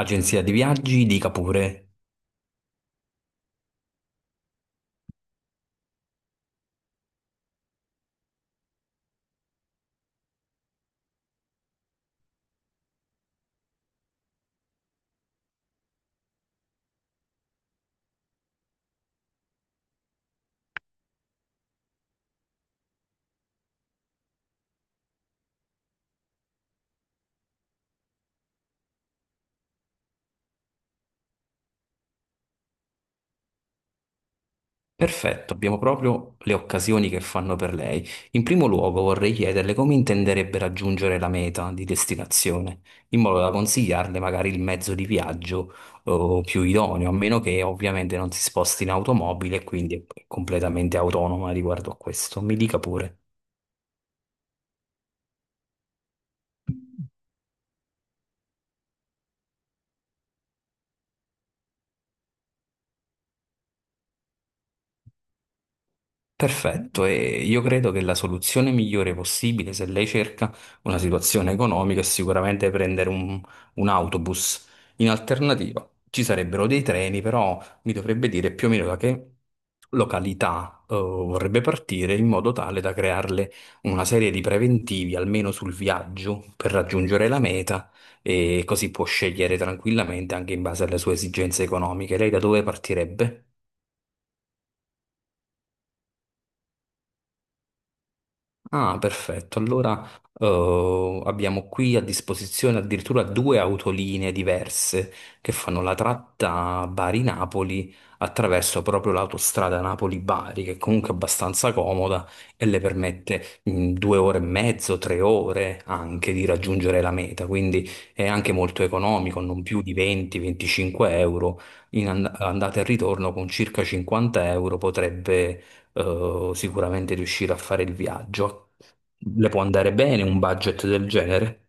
Agenzia di viaggi, dica pure. Perfetto, abbiamo proprio le occasioni che fanno per lei. In primo luogo vorrei chiederle come intenderebbe raggiungere la meta di destinazione, in modo da consigliarle magari il mezzo di viaggio più idoneo, a meno che ovviamente non si sposti in automobile e quindi è completamente autonoma riguardo a questo. Mi dica pure. Perfetto, e io credo che la soluzione migliore possibile se lei cerca una situazione economica è sicuramente prendere un autobus. In alternativa ci sarebbero dei treni, però mi dovrebbe dire più o meno da che località vorrebbe partire in modo tale da crearle una serie di preventivi almeno sul viaggio per raggiungere la meta e così può scegliere tranquillamente anche in base alle sue esigenze economiche. Lei da dove partirebbe? Ah, perfetto. Allora, abbiamo qui a disposizione addirittura due autolinee diverse che fanno la tratta Bari-Napoli attraverso proprio l'autostrada Napoli-Bari, che è comunque abbastanza comoda e le permette in 2 ore e mezzo, 3 ore anche di raggiungere la meta. Quindi è anche molto economico, non più di 20-25 euro. In andata e ritorno con circa 50 euro potrebbe sicuramente riuscire a fare il viaggio. Le può andare bene un budget del genere?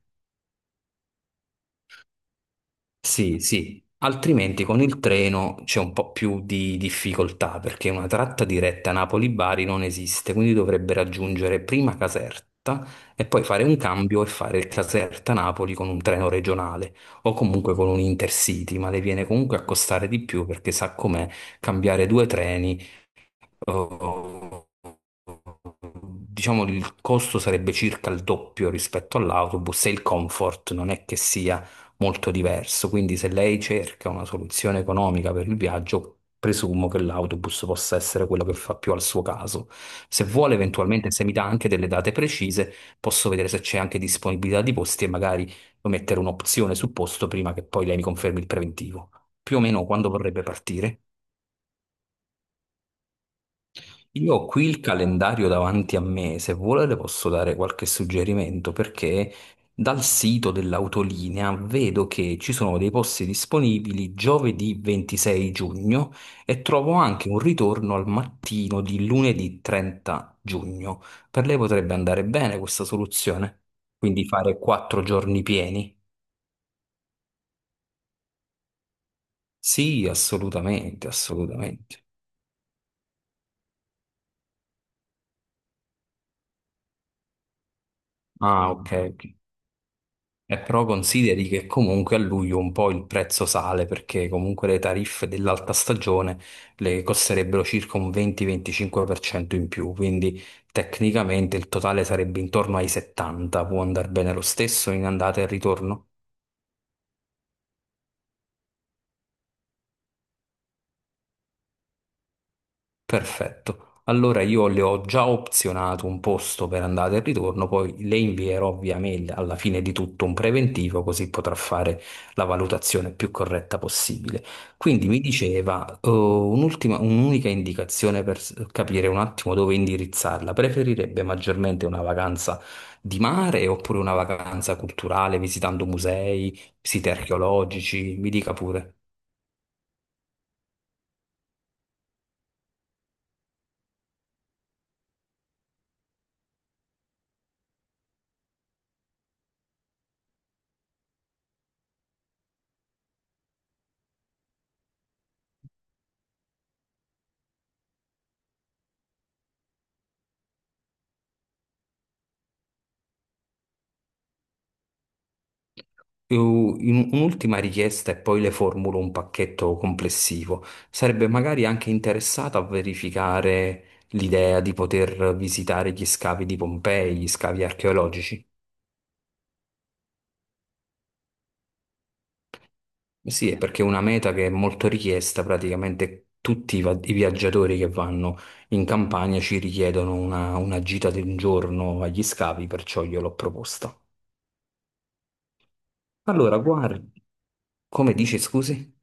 Sì, sì. Altrimenti con il treno c'è un po' più di difficoltà perché una tratta diretta Napoli-Bari non esiste, quindi dovrebbe raggiungere prima Caserta e poi fare un cambio e fare il Caserta-Napoli con un treno regionale o comunque con un Intercity, ma le viene comunque a costare di più perché sa com'è cambiare due treni, eh, diciamo il costo sarebbe circa il doppio rispetto all'autobus e il comfort non è che sia molto diverso. Quindi se lei cerca una soluzione economica per il viaggio, presumo che l'autobus possa essere quello che fa più al suo caso. Se vuole, eventualmente, se mi dà anche delle date precise, posso vedere se c'è anche disponibilità di posti e magari mettere un'opzione sul posto prima che poi lei mi confermi il preventivo. Più o meno quando vorrebbe partire? Io ho qui il calendario davanti a me, se vuole le posso dare qualche suggerimento perché dal sito dell'autolinea vedo che ci sono dei posti disponibili giovedì 26 giugno e trovo anche un ritorno al mattino di lunedì 30 giugno. Per lei potrebbe andare bene questa soluzione? Quindi fare 4 giorni pieni? Sì, assolutamente, assolutamente. Ah, ok. Ok. Però consideri che comunque a luglio un po' il prezzo sale perché comunque le tariffe dell'alta stagione le costerebbero circa un 20-25% in più, quindi tecnicamente il totale sarebbe intorno ai 70, può andare bene lo stesso in andata e ritorno? Perfetto. Allora io le ho già opzionato un posto per andata e ritorno, poi le invierò via mail alla fine di tutto un preventivo così potrà fare la valutazione più corretta possibile. Quindi mi diceva, un'ultima, un'unica indicazione per capire un attimo dove indirizzarla. Preferirebbe maggiormente una vacanza di mare oppure una vacanza culturale visitando musei, siti archeologici? Mi dica pure. Un'ultima richiesta e poi le formulo un pacchetto complessivo. Sarebbe magari anche interessato a verificare l'idea di poter visitare gli scavi di Pompei, gli scavi archeologici? Sì, è perché è una meta che è molto richiesta, praticamente tutti i viaggiatori che vanno in campagna ci richiedono una gita di un giorno agli scavi, perciò gliel'ho proposta. Allora, guardi, come dici, scusi?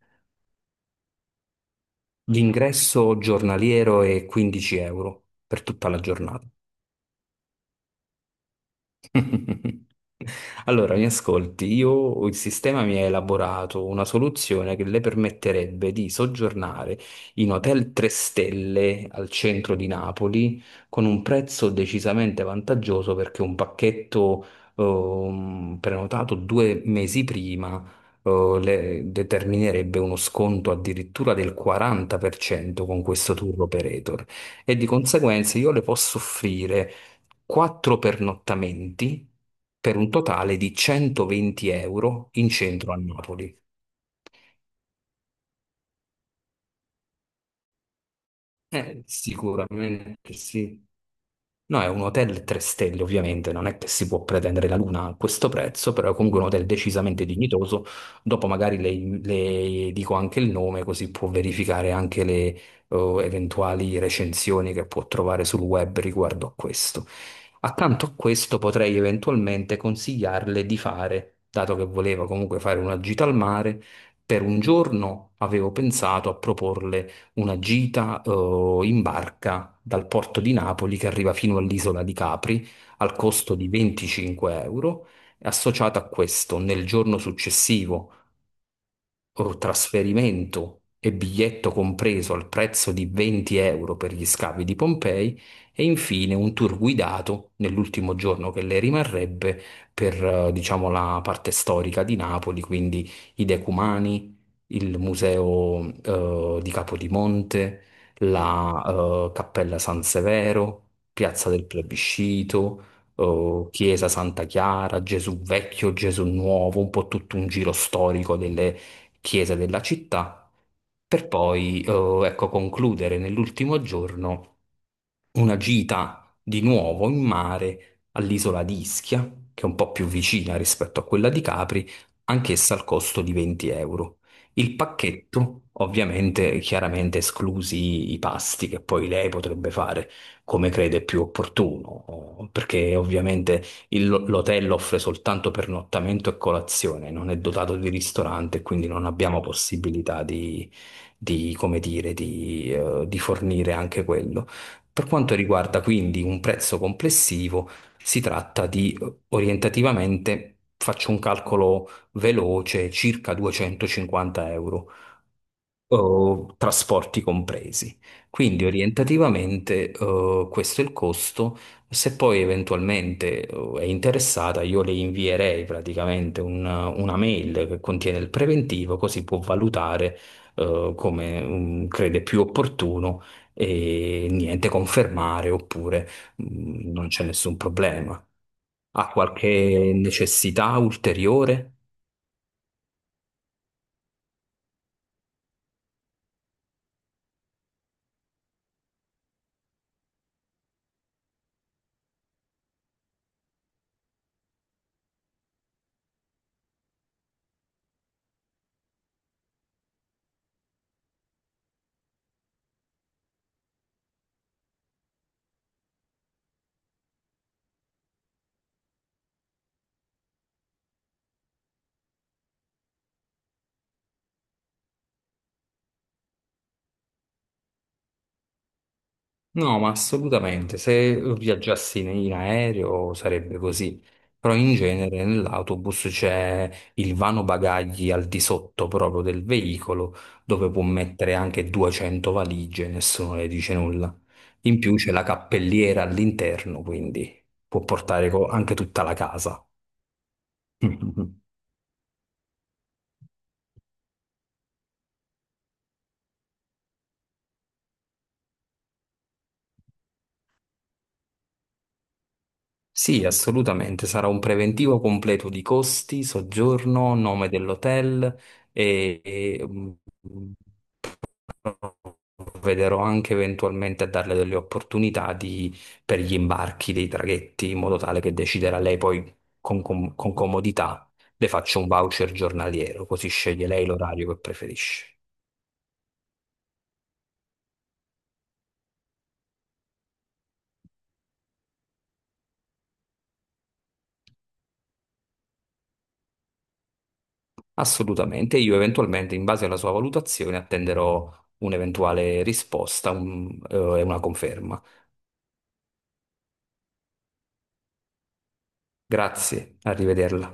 L'ingresso giornaliero è 15 euro per tutta la giornata. Allora, mi ascolti, io il sistema mi ha elaborato una soluzione che le permetterebbe di soggiornare in hotel 3 stelle al centro di Napoli con un prezzo decisamente vantaggioso perché un pacchetto prenotato 2 mesi prima determinerebbe uno sconto addirittura del 40% con questo tour operator e di conseguenza io le posso offrire 4 pernottamenti per un totale di 120 euro in centro a Napoli. Sicuramente sì. No, è un hotel 3 stelle, ovviamente, non è che si può pretendere la luna a questo prezzo, però è comunque un hotel decisamente dignitoso. Dopo magari le dico anche il nome, così può verificare anche le eventuali recensioni che può trovare sul web riguardo a questo. Accanto a questo potrei eventualmente consigliarle di fare, dato che voleva comunque fare una gita al mare, per un giorno avevo pensato a proporle una gita in barca dal porto di Napoli che arriva fino all'isola di Capri al costo di 25 euro. Associato a questo, nel giorno successivo o trasferimento e biglietto compreso al prezzo di 20 euro per gli scavi di Pompei e infine un tour guidato nell'ultimo giorno che le rimarrebbe per, diciamo, la parte storica di Napoli, quindi i Decumani, il museo, di Capodimonte, la, Cappella San Severo, Piazza del Plebiscito, Chiesa Santa Chiara, Gesù Vecchio, Gesù Nuovo, un po' tutto un giro storico delle chiese della città, per poi, ecco, concludere nell'ultimo giorno una gita di nuovo in mare all'isola di Ischia, che è un po' più vicina rispetto a quella di Capri, anch'essa al costo di 20 euro. Il pacchetto, ovviamente, chiaramente esclusi i pasti che poi lei potrebbe fare come crede più opportuno, perché ovviamente l'hotel offre soltanto pernottamento e colazione, non è dotato di ristorante, quindi non abbiamo possibilità come dire, di fornire anche quello. Per quanto riguarda quindi un prezzo complessivo, si tratta di orientativamente, faccio un calcolo veloce, circa 250 euro o trasporti compresi. Quindi orientativamente questo è il costo. Se poi eventualmente è interessata, io le invierei praticamente una mail che contiene il preventivo, così può valutare come crede più opportuno e niente, confermare oppure non c'è nessun problema. Ha qualche necessità ulteriore? No, ma assolutamente. Se viaggiassi in aereo sarebbe così, però in genere nell'autobus c'è il vano bagagli al di sotto proprio del veicolo, dove può mettere anche 200 valigie, nessuno le dice nulla. In più c'è la cappelliera all'interno, quindi può portare anche tutta la casa. Sì, assolutamente, sarà un preventivo completo di costi, soggiorno, nome dell'hotel e, mm, provvederò anche eventualmente a darle delle opportunità per gli imbarchi dei traghetti, in modo tale che deciderà lei poi con comodità. Le faccio un voucher giornaliero, così sceglie lei l'orario che preferisce. Assolutamente, io eventualmente, in base alla sua valutazione, attenderò un'eventuale risposta e una conferma. Grazie, arrivederla.